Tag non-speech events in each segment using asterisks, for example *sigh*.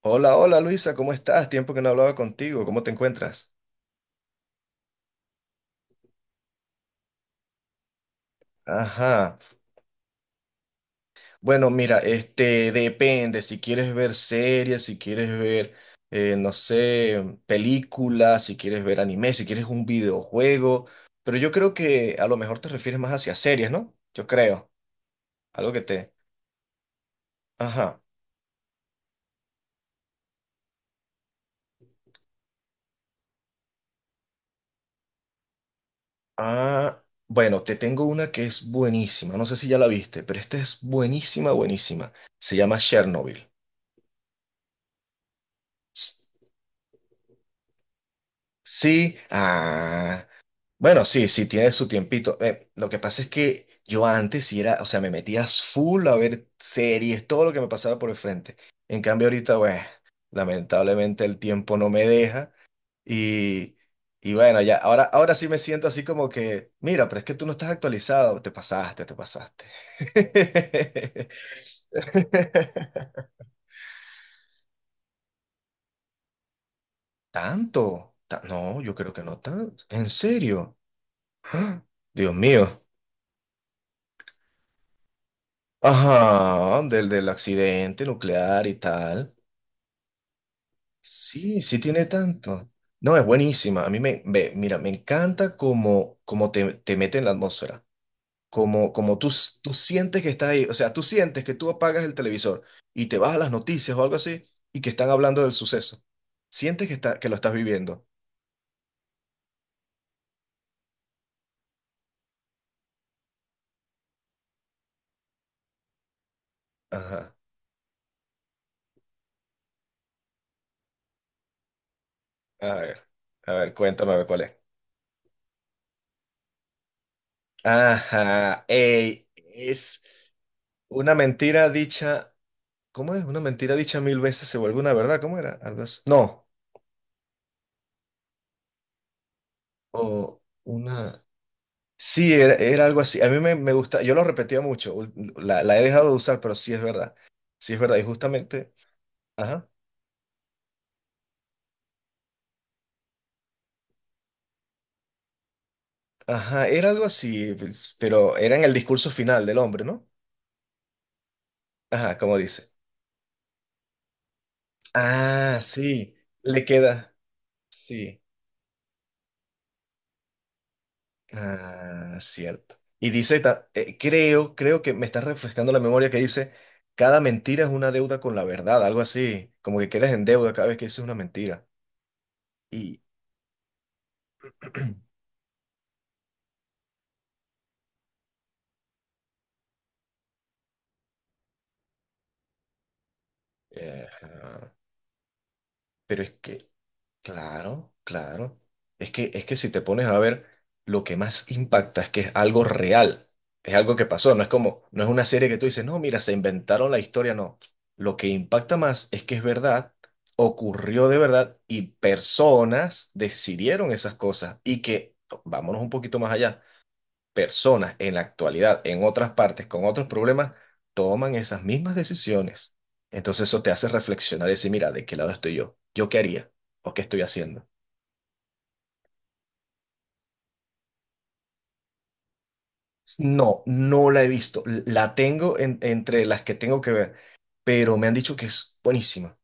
Hola, hola Luisa, ¿cómo estás? Tiempo que no hablaba contigo, ¿cómo te encuentras? Ajá. Bueno, mira, depende, si quieres ver series, si quieres ver, no sé, películas, si quieres ver anime, si quieres un videojuego, pero yo creo que a lo mejor te refieres más hacia series, ¿no? Yo creo, algo que te... Ajá. Ah, bueno, te tengo una que es buenísima, no sé si ya la viste, pero esta es buenísima, buenísima. Se llama Chernobyl. S- Sí, ah. Bueno, sí, sí, tiene su tiempito. Lo que pasa es que yo antes sí era, o sea, me metía full a ver series, todo lo que me pasaba por el frente. En cambio, ahorita, bueno, lamentablemente el tiempo no me deja y, y bueno, ya, ahora sí me siento así como que, mira, pero es que tú no estás actualizado, te pasaste, te pasaste. *laughs* ¿Tanto? No, yo creo que no tanto. ¿En serio? *gasps* ¡Ah! Dios mío. Ajá, del accidente nuclear y tal. Sí, sí tiene tanto. No, es buenísima. A mí me, ve, mira, me encanta cómo, cómo te, te mete en la atmósfera. Como, como tú, tú sientes que estás ahí. O sea, tú sientes que tú apagas el televisor y te vas a las noticias o algo así y que están hablando del suceso. Sientes que, está, que lo estás viviendo. Ajá. A ver, a ver, cuéntame a ver cuál es. Ajá. Ey, es una mentira dicha. ¿Cómo es? Una mentira dicha mil veces se vuelve una verdad. ¿Cómo era? Algo así. No. O una... Sí, era, era algo así. A mí me, me gusta, yo lo repetía mucho. La, la he dejado de usar, pero sí es verdad. Sí es verdad. Y justamente... Ajá. Ajá, era algo así, pues, pero era en el discurso final del hombre, ¿no? Ajá, como dice. Ah, sí. Le queda. Sí. Ah, cierto. Y dice, creo, creo que me está refrescando la memoria que dice, cada mentira es una deuda con la verdad, algo así, como que quedas en deuda cada vez que dices una mentira. Y, *clears throat* ajá. Pero es que, claro, claro. Es que si te pones a ver, lo que más impacta es que es algo real, es algo que pasó, no es como, no es una serie que tú dices, no, mira, se inventaron la historia, no. Lo que impacta más es que es verdad, ocurrió de verdad y personas decidieron esas cosas y que, vámonos un poquito más allá personas en la actualidad, en otras partes, con otros problemas, toman esas mismas decisiones. Entonces eso te hace reflexionar y decir, mira, ¿de qué lado estoy yo? ¿Yo qué haría? ¿O qué estoy haciendo? No, no la he visto. Entre las que tengo que ver, pero me han dicho que es buenísima.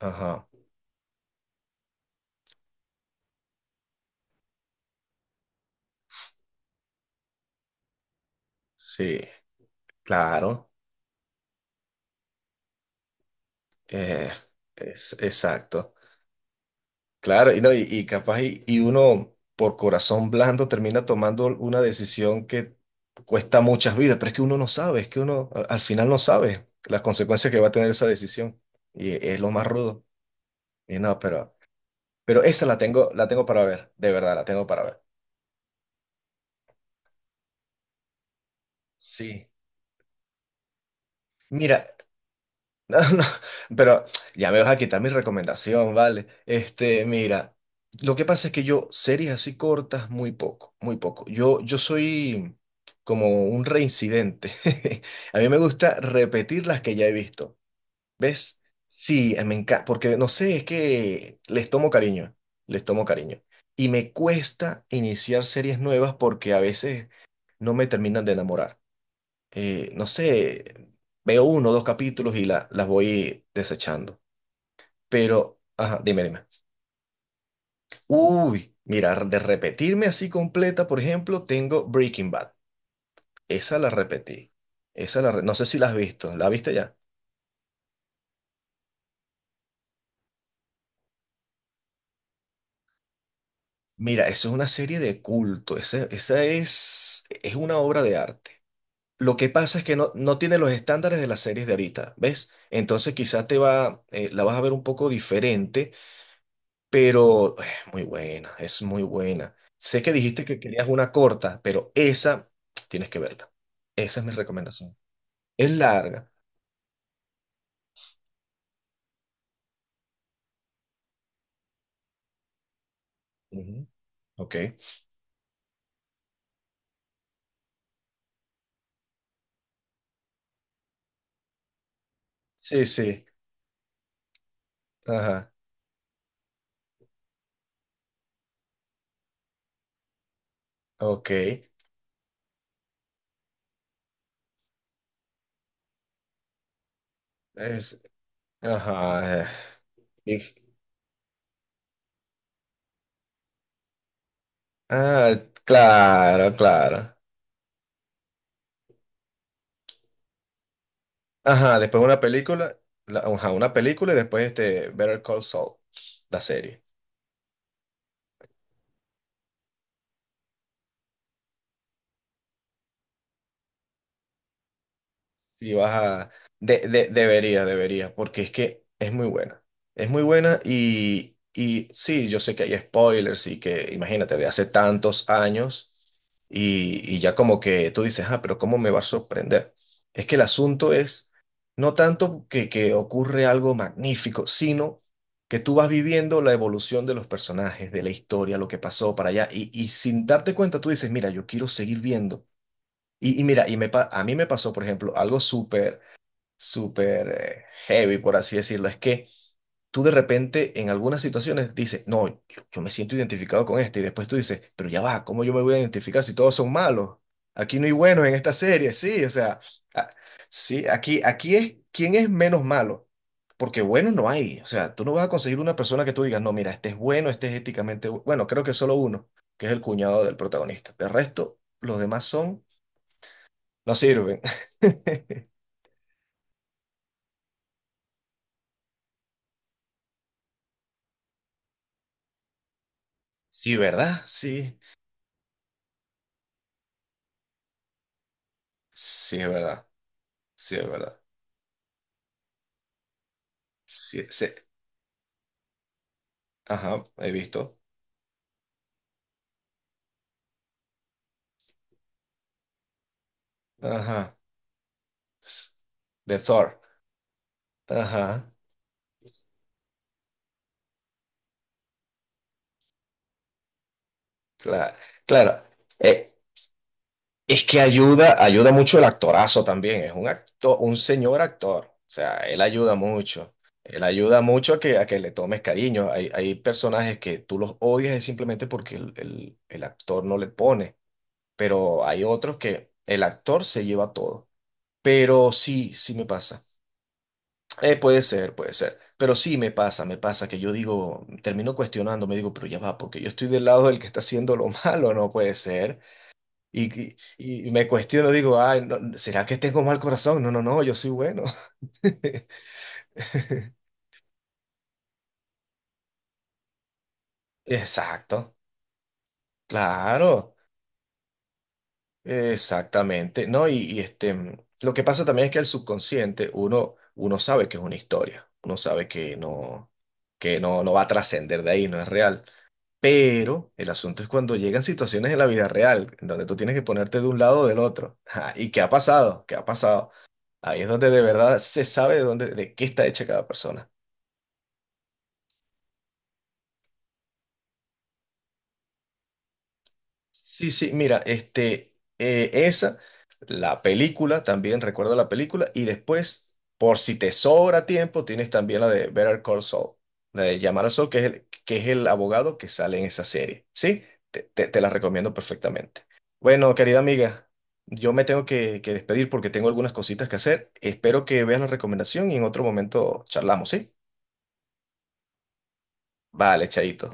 Ajá, sí, claro. Eh, es exacto. Claro, y, no, y capaz y uno por corazón blando termina tomando una decisión que cuesta muchas vidas, pero es que uno no sabe, es que al final no sabe las consecuencias que va a tener esa decisión y es lo más rudo. Y no, pero esa la tengo para ver, de verdad la tengo para ver. Sí. Mira, *laughs* no, no, pero ya me vas a quitar mi recomendación, ¿vale? Mira, lo que pasa es que yo series así cortas, muy poco, muy poco. Yo soy como un reincidente. *laughs* A mí me gusta repetir las que ya he visto, ¿ves? Sí, me encanta, porque no sé, es que les tomo cariño, les tomo cariño. Y me cuesta iniciar series nuevas porque a veces no me terminan de enamorar, no sé, veo uno o dos capítulos y las voy desechando. Pero, ajá, dime, dime. Uy, mira, de repetirme así completa, por ejemplo, tengo Breaking Bad. Esa la repetí. No sé si la has visto. ¿La viste ya? Mira, eso es una serie de culto. Esa es una obra de arte. Lo que pasa es que no, no tiene los estándares de las series de ahorita, ¿ves? Entonces quizás te va, la vas a ver un poco diferente, pero muy buena, es muy buena. Sé que dijiste que querías una corta, pero esa tienes que verla. Esa es mi recomendación. Es larga. Ujú. Ok. Sí, sí. Ajá. Ok. Es, ajá. Y- ah, claro, claro. Ajá, después una película, ajá, una película y después Better Call Saul, la serie. Si vas a... de, debería porque es que es muy buena. Es muy buena y sí, yo sé que hay spoilers y que, imagínate, de hace tantos años y ya como que tú dices, ah, pero ¿cómo me va a sorprender? Es que el asunto es no tanto que ocurre algo magnífico, sino que tú vas viviendo la evolución de los personajes, de la historia, lo que pasó para allá y sin darte cuenta tú dices, mira, yo quiero seguir viendo. Y mira, y me, a mí me pasó, por ejemplo, algo súper súper heavy, por así decirlo. Es que tú de repente en algunas situaciones dices, no, yo me siento identificado con este, y después tú dices, pero ya va, ¿cómo yo me voy a identificar si todos son malos? Aquí no hay buenos en esta serie, sí, o sea, a- sí, aquí, aquí es quién es menos malo, porque buenos no hay, o sea, tú no vas a conseguir una persona que tú digas, no, mira, este es bueno, este es éticamente bueno, creo que solo uno, que es el cuñado del protagonista, de resto, los demás son, no sirven. *laughs* Sí, ¿verdad? Sí. Sí, es verdad. Sí, es verdad. Sí, sí. Ajá, he visto. Ajá. S- De Thor. Ajá. Claro. Claro. Eh, es que ayuda, ayuda mucho el actorazo también. Es un actor, un señor actor. O sea, él ayuda mucho. Él ayuda mucho a que le tomes cariño. Hay personajes que tú los odias es simplemente porque el, el actor no le pone. Pero hay otros que el actor se lleva todo. Pero sí, sí me pasa. Puede ser, puede ser. Pero sí me pasa que yo digo, termino cuestionando, me digo, pero ya va, porque yo estoy del lado del que está haciendo lo *laughs* malo, no puede ser. Y me cuestiono, digo, ay, no, ¿será que tengo mal corazón? No, no, no, yo soy bueno. *laughs* Exacto, claro, exactamente, ¿no? Y, lo que pasa también es que el subconsciente, uno, uno sabe que es una historia, uno sabe que no, no va a trascender de ahí, no es real. Pero el asunto es cuando llegan situaciones en la vida real, en donde tú tienes que ponerte de un lado o del otro. *laughs* Ajá, ¿y qué ha pasado? ¿Qué ha pasado? Ahí es donde de verdad se sabe de dónde, de qué está hecha cada persona. Sí, sí, mira, esa, la película, también recuerda la película, y después, por si te sobra tiempo, tienes también la de Better Call Saul, la de Llamar a Saul, que es el abogado que sale en esa serie, ¿sí? Te la recomiendo perfectamente. Bueno, querida amiga, yo me tengo que despedir porque tengo algunas cositas que hacer. Espero que veas la recomendación y en otro momento charlamos, ¿sí? Vale, chaito.